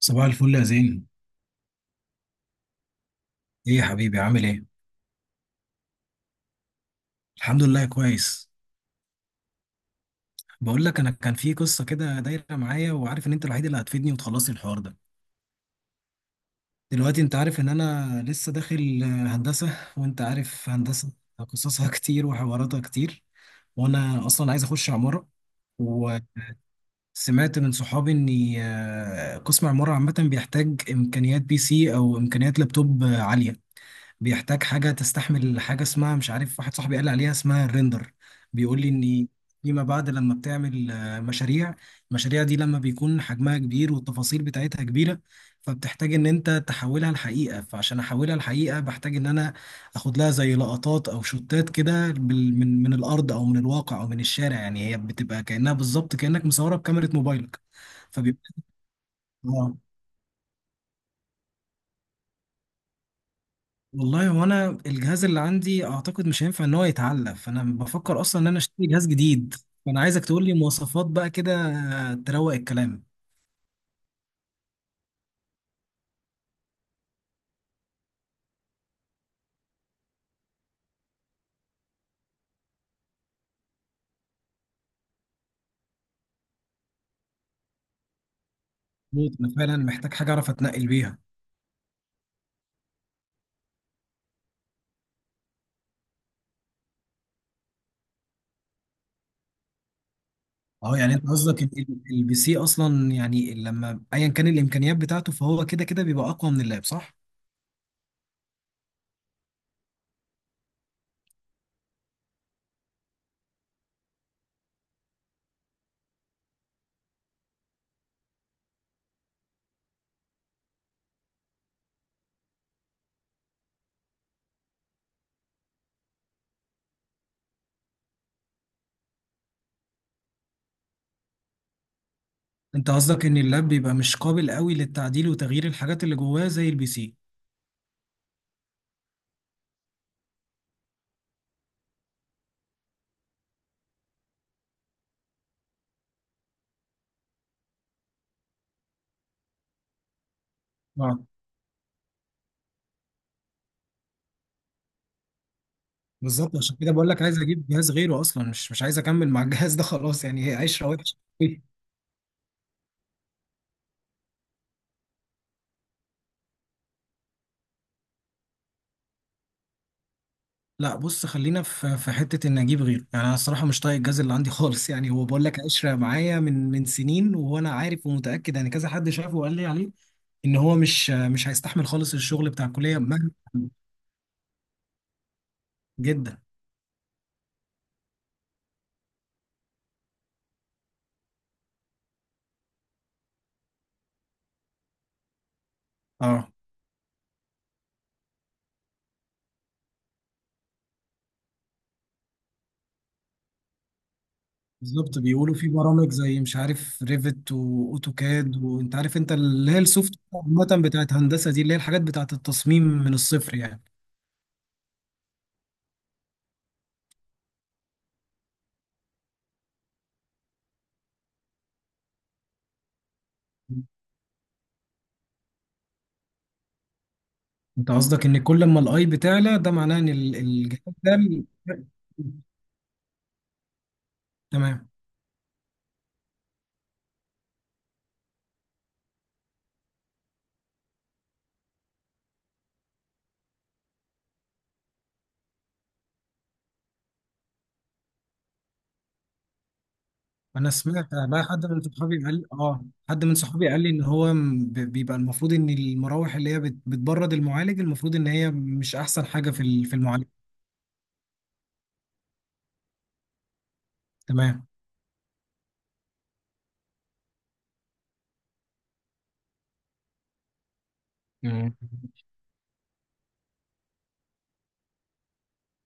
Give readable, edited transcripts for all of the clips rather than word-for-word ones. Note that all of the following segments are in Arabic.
صباح الفل يا زين. ايه يا حبيبي عامل ايه؟ الحمد لله كويس. بقول لك انا كان في قصه كده دايره معايا، وعارف ان انت الوحيد اللي هتفيدني وتخلصي الحوار ده. دلوقتي انت عارف ان انا لسه داخل هندسه، وانت عارف هندسه قصصها كتير وحواراتها كتير. وانا اصلا عايز اخش عماره. وسمعت من صحابي ان قسم عماره عامه بيحتاج امكانيات بي سي او امكانيات لابتوب عاليه. بيحتاج حاجة تستحمل، حاجة اسمها مش عارف، واحد صاحبي قال لي عليها اسمها الريندر. بيقول لي ان فيما بعد لما بتعمل مشاريع، المشاريع دي لما بيكون حجمها كبير والتفاصيل بتاعتها كبيرة، فبتحتاج ان انت تحولها لحقيقة. فعشان احولها لحقيقة بحتاج ان انا اخد لها زي لقطات او شوتات كده من الارض او من الواقع او من الشارع، يعني هي بتبقى كأنها بالظبط كأنك مصورها بكاميرا موبايلك. فبيبقى. آه. والله هو انا الجهاز اللي عندي اعتقد مش هينفع ان هو يتعلق، فانا بفكر اصلا ان انا اشتري جهاز جديد. فانا عايزك تقول لي مواصفات بقى كده، تروق الكلام. انا فعلا محتاج حاجه اعرف اتنقل بيها. اه، يعني انت قصدك البي سي اصلا، يعني لما ايا كان الامكانيات بتاعته، فهو كده كده بيبقى اقوى من اللاب، صح؟ انت قصدك ان اللاب بيبقى مش قابل قوي للتعديل وتغيير الحاجات اللي جواه زي البي سي. اه، بالظبط، عشان كده بقول لك عايز اجيب جهاز غيره اصلا، مش عايز اكمل مع الجهاز ده خلاص، يعني هي عشره وحشه. لا، بص، خلينا في حته ان اجيب غيره. يعني انا الصراحه مش طايق الجاز اللي عندي خالص، يعني هو بقول لك قشره معايا من سنين، وانا عارف ومتاكد، يعني كذا حد شافه وقال لي عليه ان هو مش هيستحمل خالص الشغل بتاع الكليه مهما كان. جدا. اه، بالظبط، بيقولوا في برامج زي مش عارف ريفت واوتوكاد، وانت عارف انت اللي هي السوفت عامه بتاعت هندسه دي، اللي هي الحاجات بتاعت التصميم من الصفر يعني. انت قصدك ان كل ما الاي بتعلى، ده معناه ان الجهاز ده. تمام. انا سمعت بقى حد من صحابي قال، اه، حد من صحابي قال لي ان هو بيبقى المفروض ان المراوح اللي هي بتبرد المعالج، المفروض ان هي مش احسن حاجه في في المعالج. تمام. مم.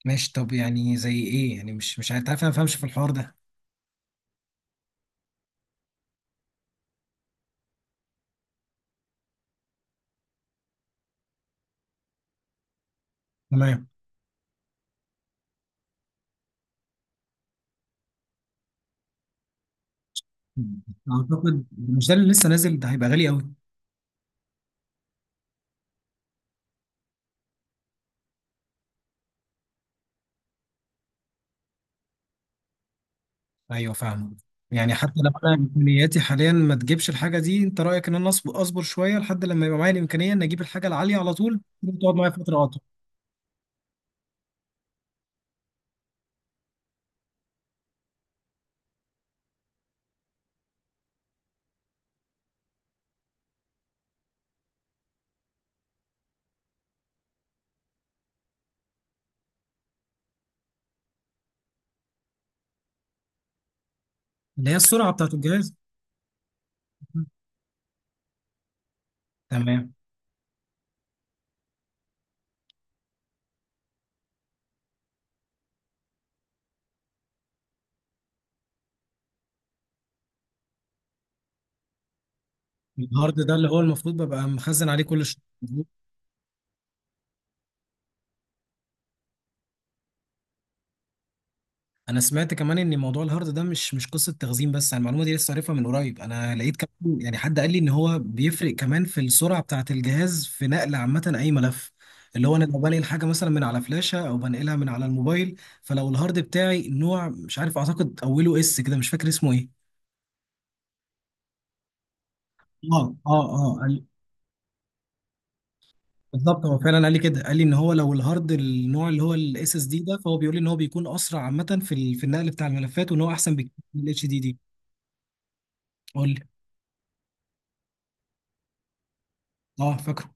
ماشي، طب يعني زي ايه؟ يعني مش عارف، عارف انا ما فاهمش في الحوار ده. تمام. اعتقد مش ده اللي لسه نازل، ده هيبقى غالي قوي. ايوه فاهمه. يعني حتى لو انا امكانياتي حاليا ما تجيبش الحاجه دي، انت رايك ان انا اصبر شويه لحد لما يبقى معايا الامكانيه ان اجيب الحاجه العاليه على طول؟ تقعد معايا فتره اطول. اللي هي السرعه بتاعت الجهاز. تمام. الهارد ده اللي هو المفروض ببقى مخزن عليه كل شيء. انا سمعت كمان ان موضوع الهارد ده مش قصه تخزين بس، انا المعلومه دي لسه عارفها من قريب. انا لقيت كمان يعني حد قال لي ان هو بيفرق كمان في السرعه بتاعه الجهاز في نقل عامه اي ملف، اللي هو انا لو بنقل حاجه مثلا من على فلاشه او بنقلها من على الموبايل. فلو الهارد بتاعي نوع مش عارف، اعتقد اوله اس كده، مش فاكر اسمه ايه. اه، اه، اه. بالظبط، هو فعلا قال لي كده، قال لي ان هو لو الهارد النوع اللي هو الاس اس دي ده، فهو بيقول لي ان هو بيكون اسرع عامه في في النقل بتاع الملفات، وان هو احسن بكتير من الاتش دي دي. قول لي. اه فاكره.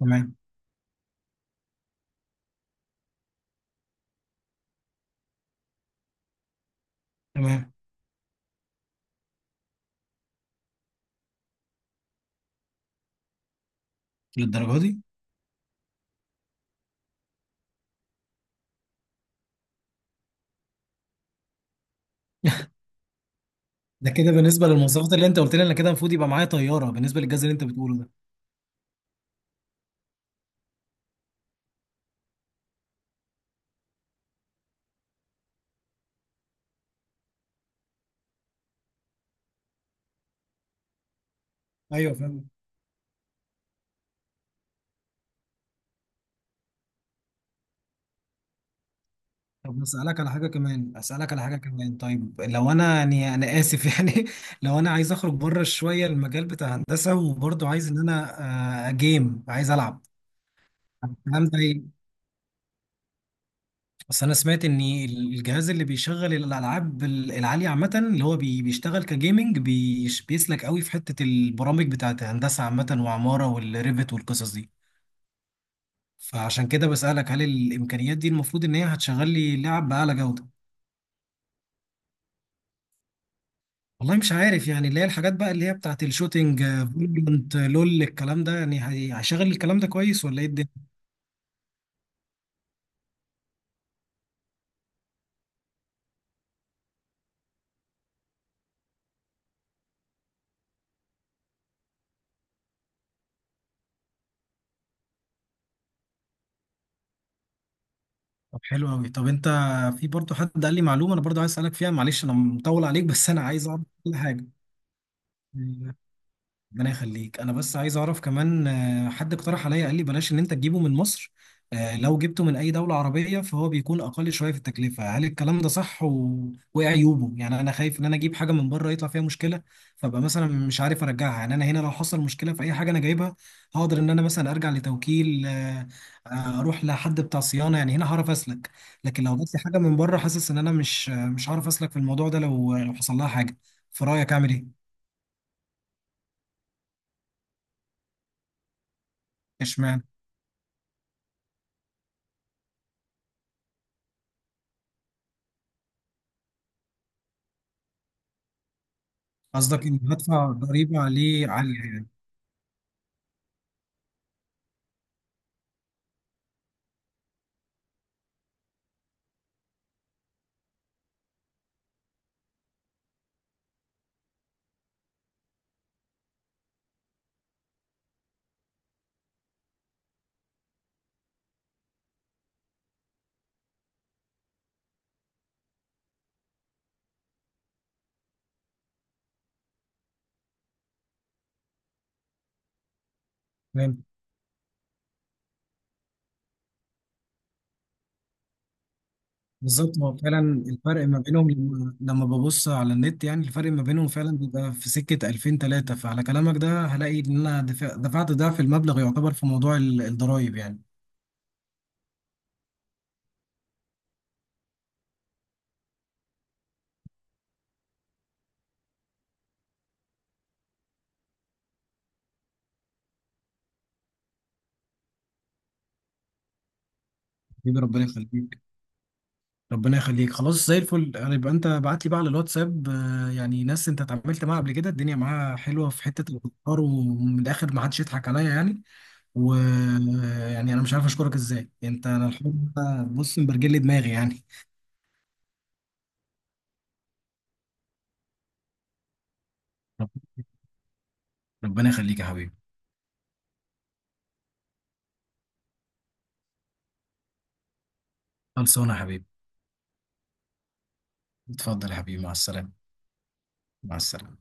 تمام. تمام، للدرجه دي؟ ده كده بالنسبه للمواصفات اللي انت قلت لي، انا كده المفروض يبقى معايا طياره بالنسبه للجهاز اللي انت بتقوله ده. ايوه فاهم. طب اسالك على حاجه كمان، طيب لو انا، يعني انا اسف يعني، لو انا عايز اخرج بره شويه المجال بتاع هندسه، وبرضه عايز ان انا جيم، عايز العب الكلام ده. بس انا سمعت ان الجهاز اللي بيشغل الالعاب العاليه عامه، اللي هو بيشتغل كجيمنج، بيسلك قوي في حته البرامج بتاعت هندسه عامه وعماره والريفت والقصص دي. فعشان كده بسالك، هل الامكانيات دي المفروض ان هي هتشغل لي لعب باعلى جوده؟ والله مش عارف يعني، اللي هي الحاجات بقى اللي هي بتاعت الشوتينج، فالورانت، لول، الكلام ده يعني هيشغل الكلام ده كويس ولا ايه الدنيا؟ طب حلو قوي. طب انت، في برضه حد قال لي معلومه، انا برضه عايز اسالك فيها. معلش انا مطول عليك، بس انا عايز اعرف كل حاجه. ربنا يخليك. انا بس عايز اعرف كمان، حد اقترح عليا قال لي بلاش ان انت تجيبه من مصر، لو جبته من اي دولة عربية فهو بيكون اقل شوية في التكلفة. هل الكلام ده صح؟ وايه عيوبه؟ يعني انا خايف ان انا اجيب حاجة من بره يطلع فيها مشكلة، فابقى مثلا مش عارف ارجعها. يعني انا هنا لو حصل مشكلة في اي حاجة انا جايبها، هقدر ان انا مثلا ارجع لتوكيل، اروح لحد بتاع صيانة، يعني هنا هعرف اسلك. لكن لو جبت لي حاجة من بره، حاسس ان انا مش مش هعرف اسلك في الموضوع ده لو حصل لها حاجة. في رأيك اعمل ايه؟ اشمعنى؟ قصدك إن هدفع ضريبة عليه عالية يعني؟ فاهم. بالظبط، هو فعلا الفرق ما بينهم، لما ببص على النت يعني، الفرق ما بينهم فعلا بيبقى في سكة 2000 3، فعلى كلامك ده هلاقي إن أنا دفعت ضعف المبلغ يعتبر في موضوع الضرايب يعني. حبيبي ربنا يخليك. ربنا يخليك، خلاص زي الفل، يبقى أنت بعت لي بقى على الواتساب، يعني ناس أنت اتعاملت معاها قبل كده، الدنيا معاها حلوة في حتة الأفكار، ومن الآخر ما حدش يضحك عليا يعني. ويعني انا مش عارف اشكرك ازاي، انت انا الحمد لله بص مبرجل لي دماغي يعني. رب- ربنا يخليك يا حبيبي. خلصانه يا حبيبي. اتفضل يا حبيبي، مع السلامه. مع السلامه.